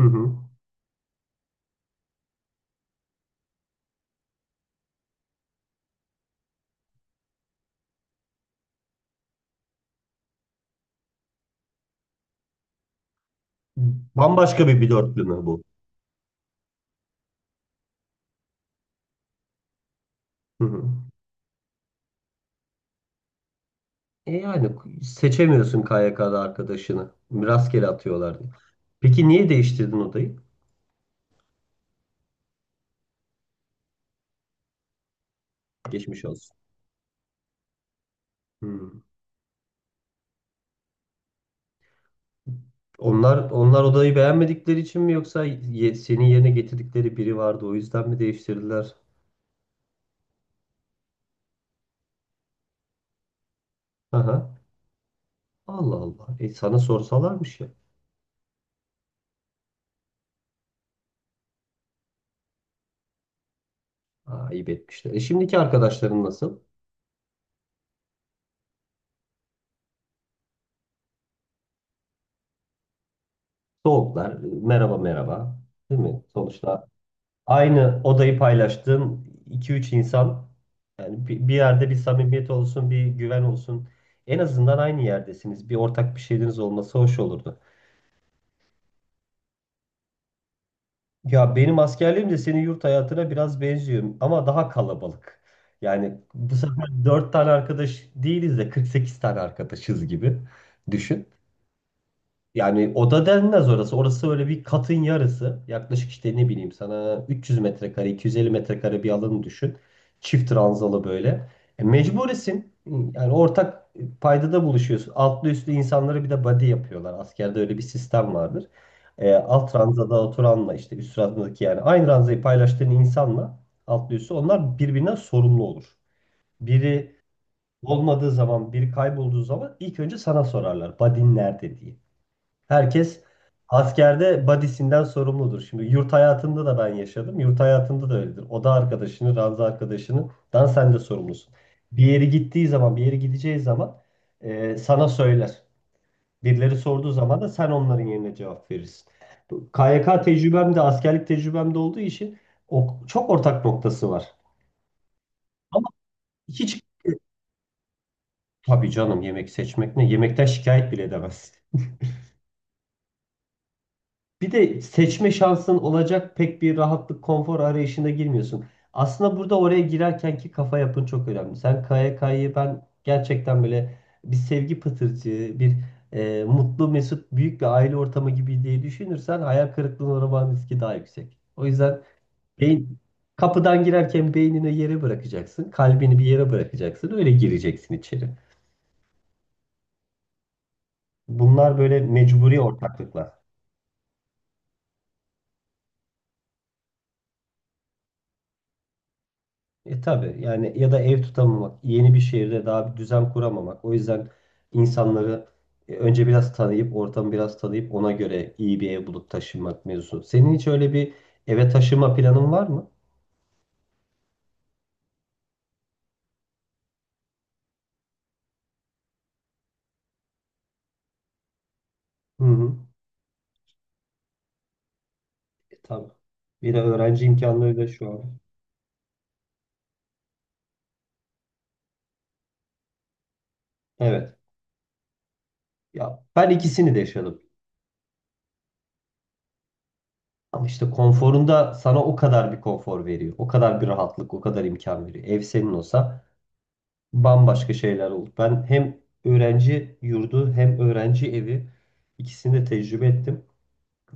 Hı hı. Bambaşka bir dörtlüme bu. Hı hı. E yani seçemiyorsun KYK'da arkadaşını. Rastgele atıyorlar diye. Peki niye değiştirdin odayı? Geçmiş olsun. Hı. Onlar odayı beğenmedikleri için mi yoksa senin yerine getirdikleri biri vardı o yüzden mi değiştirdiler? Aha. Allah Allah. E sana sorsalarmış ya. Aa, ayıp etmişler. E şimdiki arkadaşların nasıl? Soğuklar. Merhaba merhaba. Değil mi? Sonuçta aynı odayı paylaştığın iki üç insan yani bir yerde bir samimiyet olsun, bir güven olsun. En azından aynı yerdesiniz. Bir ortak bir şeyiniz olması hoş olurdu. Ya benim askerliğim de senin yurt hayatına biraz benziyor ama daha kalabalık. Yani bu sefer 4 tane arkadaş değiliz de 48 tane arkadaşız gibi düşün. Yani oda denmez orası. Orası öyle bir katın yarısı. Yaklaşık işte ne bileyim sana 300 metrekare, 250 metrekare bir alanı düşün. Çift ranzalı böyle. E, mecburisin. Yani ortak paydada buluşuyorsun. Altlı üstlü insanları bir de body yapıyorlar. Askerde öyle bir sistem vardır. E, alt ranzada oturanla işte üst ranzadaki yani aynı ranzayı paylaştığın insanla altlı üstü onlar birbirinden sorumlu olur. Biri olmadığı zaman, biri kaybolduğu zaman ilk önce sana sorarlar. Body'in nerede diye. Herkes askerde badisinden sorumludur. Şimdi yurt hayatında da ben yaşadım. Yurt hayatında da öyledir. Oda arkadaşını, ranza arkadaşını, dan sen de sorumlusun. Bir yere gittiği zaman, bir yere gideceği zaman sana söyler. Birileri sorduğu zaman da sen onların yerine cevap verirsin. Bu KYK tecrübem de askerlik tecrübem de olduğu için o, çok ortak noktası var. Ama hiç tabii canım yemek seçmek ne? Yemekten şikayet bile edemezsin. Bir de seçme şansın olacak pek bir rahatlık, konfor arayışına girmiyorsun. Aslında burada oraya girerken ki kafa yapın çok önemli. Sen KYK'yı ben gerçekten böyle bir sevgi pıtırcığı, bir mutlu, mesut, büyük bir aile ortamı gibi diye düşünürsen hayal kırıklığına uğramanın riski daha yüksek. O yüzden beyin, kapıdan girerken beynine yere bırakacaksın, kalbini bir yere bırakacaksın, öyle gireceksin içeri. Bunlar böyle mecburi ortaklıklar. E tabii yani ya da ev tutamamak, yeni bir şehirde daha bir düzen kuramamak. O yüzden insanları önce biraz tanıyıp, ortamı biraz tanıyıp ona göre iyi bir ev bulup taşınmak mevzusu. Senin hiç öyle bir eve taşınma planın var mı? Hı hı. E tabii. Bir de öğrenci imkanları da şu an. Evet. Ya ben ikisini de yaşadım. Ama işte konforunda sana o kadar bir konfor veriyor. O kadar bir rahatlık, o kadar imkan veriyor. Ev senin olsa bambaşka şeyler oldu. Ben hem öğrenci yurdu hem öğrenci evi ikisini de tecrübe ettim.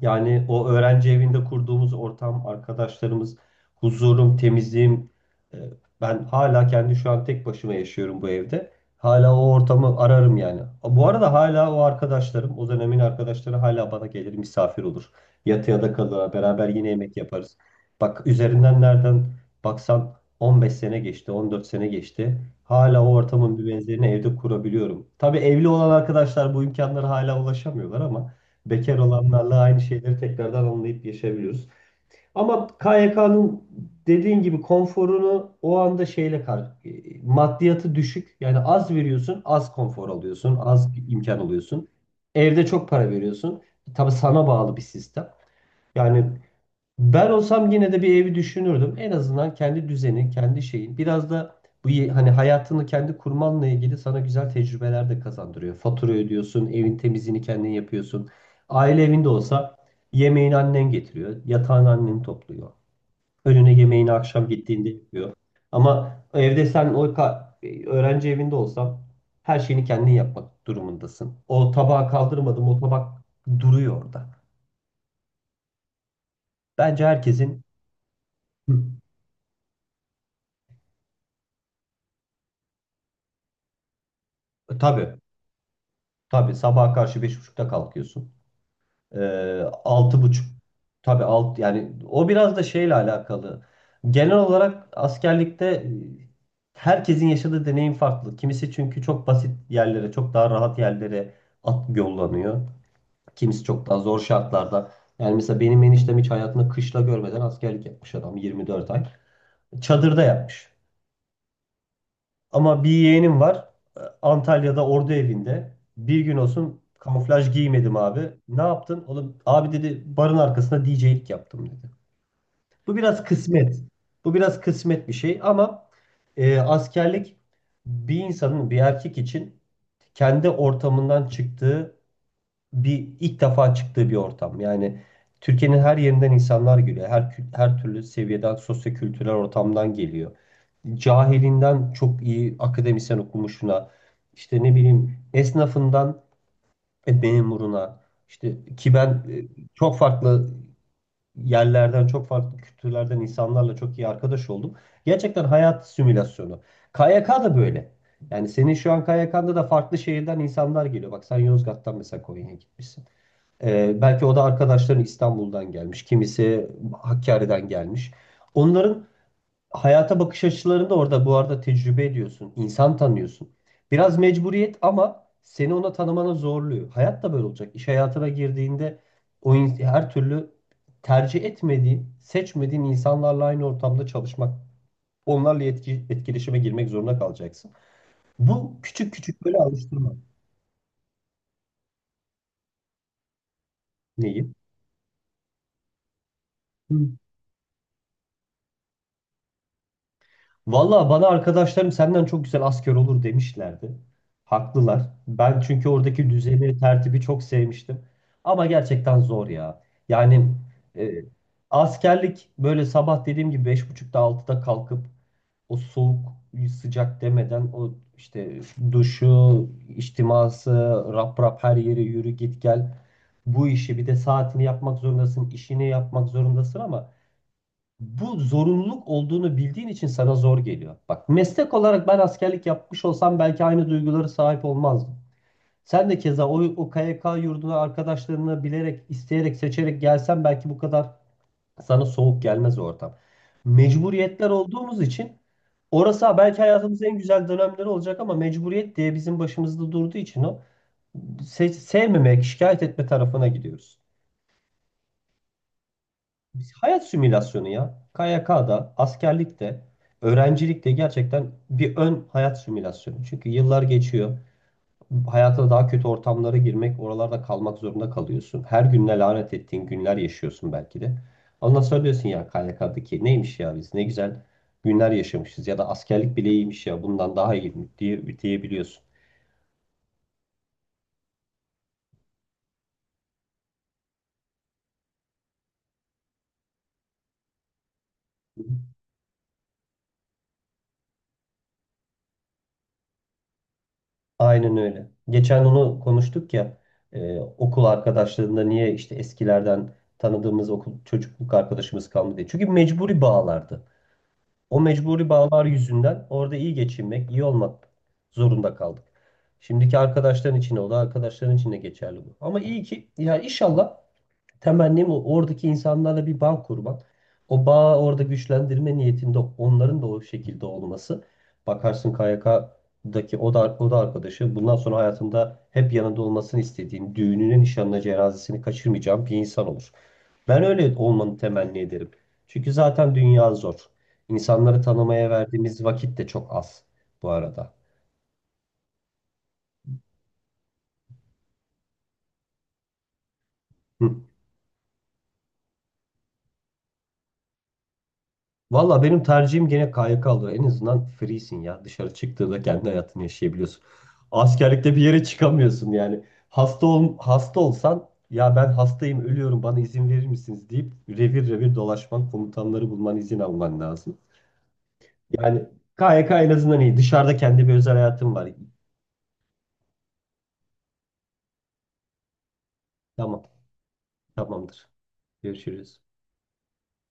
Yani o öğrenci evinde kurduğumuz ortam, arkadaşlarımız, huzurum, temizliğim. e, Ben hala kendi şu an tek başıma yaşıyorum bu evde. Hala o ortamı ararım yani. Bu arada hala o arkadaşlarım, o dönemin arkadaşları hala bana gelir misafir olur. Yatıya da kalır, beraber yine yemek yaparız. Bak üzerinden nereden baksan 15 sene geçti, 14 sene geçti. Hala o ortamın bir benzerini evde kurabiliyorum. Tabii evli olan arkadaşlar bu imkanlara hala ulaşamıyorlar ama bekar olanlarla aynı şeyleri tekrardan anlayıp yaşayabiliyoruz. Ama KYK'nın dediğin gibi konforunu o anda şeyle maddiyatı düşük. Yani az veriyorsun, az konfor alıyorsun, az imkan alıyorsun. Evde çok para veriyorsun. Tabii sana bağlı bir sistem. Yani ben olsam yine de bir evi düşünürdüm. En azından kendi düzenin, kendi şeyin. Biraz da bu hani hayatını kendi kurmanla ilgili sana güzel tecrübeler de kazandırıyor. Fatura ödüyorsun, evin temizliğini kendin yapıyorsun. Aile evinde olsa yemeğini annen getiriyor, yatağını annen topluyor. Önüne yemeğini akşam gittiğinde yapıyor. Ama evde sen öğrenci evinde olsan her şeyini kendin yapmak durumundasın. O tabağı kaldırmadım, o tabak duruyor orada. Bence herkesin Hı. Tabii. Tabii sabaha karşı beş buçukta kalkıyorsun. Altı buçuk tabii yani o biraz da şeyle alakalı. Genel olarak askerlikte herkesin yaşadığı deneyim farklı. Kimisi çünkü çok basit yerlere, çok daha rahat yerlere at yollanıyor. Kimisi çok daha zor şartlarda. Yani mesela benim eniştem hiç hayatında kışla görmeden askerlik yapmış adam 24 ay. Çadırda yapmış. Ama bir yeğenim var. Antalya'da ordu evinde. Bir gün olsun kamuflaj giymedim abi. Ne yaptın? Oğlum, abi dedi barın arkasında DJ'lik yaptım dedi. Bu biraz kısmet. Bu biraz kısmet bir şey ama askerlik bir insanın bir erkek için kendi ortamından çıktığı bir ilk defa çıktığı bir ortam. Yani Türkiye'nin her yerinden insanlar geliyor. Her türlü seviyeden sosyo-kültürel ortamdan geliyor cahilinden çok iyi akademisyen okumuşuna, işte ne bileyim esnafından memuruna, işte ki ben çok farklı yerlerden, çok farklı kültürlerden insanlarla çok iyi arkadaş oldum. Gerçekten hayat simülasyonu. KYK da böyle. Yani senin şu an KYK'nda da farklı şehirden insanlar geliyor. Bak sen Yozgat'tan mesela Konya'ya gitmişsin. Belki o da arkadaşların İstanbul'dan gelmiş. Kimisi Hakkari'den gelmiş. Onların hayata bakış açılarını da orada bu arada tecrübe ediyorsun. İnsan tanıyorsun. Biraz mecburiyet ama seni ona tanımana zorluyor. Hayat da böyle olacak. İş hayatına girdiğinde her türlü tercih etmediğin, seçmediğin insanlarla aynı ortamda çalışmak, onlarla etkileşime girmek zorunda kalacaksın. Bu küçük küçük böyle alıştırma. Neyi? Hı. Valla bana arkadaşlarım senden çok güzel asker olur demişlerdi. Haklılar. Ben çünkü oradaki düzeni, tertibi çok sevmiştim. Ama gerçekten zor ya. Yani e, askerlik böyle sabah dediğim gibi 5.30'da altıda kalkıp o soğuk sıcak demeden o işte duşu, içtiması, rap rap her yere yürü git gel. Bu işi bir de saatini yapmak zorundasın, işini yapmak zorundasın ama bu zorunluluk olduğunu bildiğin için sana zor geliyor. Bak meslek olarak ben askerlik yapmış olsam belki aynı duygulara sahip olmazdım. Sen de keza o KYK yurduna arkadaşlarını bilerek, isteyerek, seçerek gelsen belki bu kadar sana soğuk gelmez o ortam. Mecburiyetler olduğumuz için orası belki hayatımızın en güzel dönemleri olacak ama mecburiyet diye bizim başımızda durduğu için o sevmemek, şikayet etme tarafına gidiyoruz. Hayat simülasyonu ya. KYK'da, askerlikte, öğrencilikte gerçekten bir ön hayat simülasyonu. Çünkü yıllar geçiyor. Hayata daha kötü ortamlara girmek, oralarda kalmak zorunda kalıyorsun. Her gününe lanet ettiğin günler yaşıyorsun belki de. Ondan sonra diyorsun ya KYK'daki neymiş ya biz ne güzel günler yaşamışız ya da askerlik bile iyiymiş ya bundan daha iyi diye, diyebiliyorsun. Aynen öyle. Geçen onu konuştuk ya okul arkadaşlarında niye işte eskilerden tanıdığımız okul çocukluk arkadaşımız kalmadı diye. Çünkü mecburi bağlardı. O mecburi bağlar yüzünden orada iyi geçinmek, iyi olmak zorunda kaldık. Şimdiki arkadaşların içinde o da arkadaşların içinde geçerli bu. Ama iyi ki ya inşallah temennim oradaki insanlarla bir bağ kurmak. O bağı orada güçlendirme niyetinde onların da o şekilde olması. Bakarsın KYK'daki o da, o da arkadaşı bundan sonra hayatında hep yanında olmasını istediğin, düğününü, nişanına, cenazesini kaçırmayacağın bir insan olur. Ben öyle olmanı temenni ederim. Çünkü zaten dünya zor. İnsanları tanımaya verdiğimiz vakit de çok az bu arada. Hı. Valla benim tercihim gene KYK oluyor. En azından freesin ya. Dışarı çıktığında kendi hayatını yaşayabiliyorsun. Askerlikte bir yere çıkamıyorsun yani. Hasta ol, hasta olsan ya ben hastayım ölüyorum bana izin verir misiniz deyip revir revir dolaşman komutanları bulman izin alman lazım. Yani KYK en azından iyi. Dışarıda kendi bir özel hayatım var. Tamam tamamdır. Görüşürüz.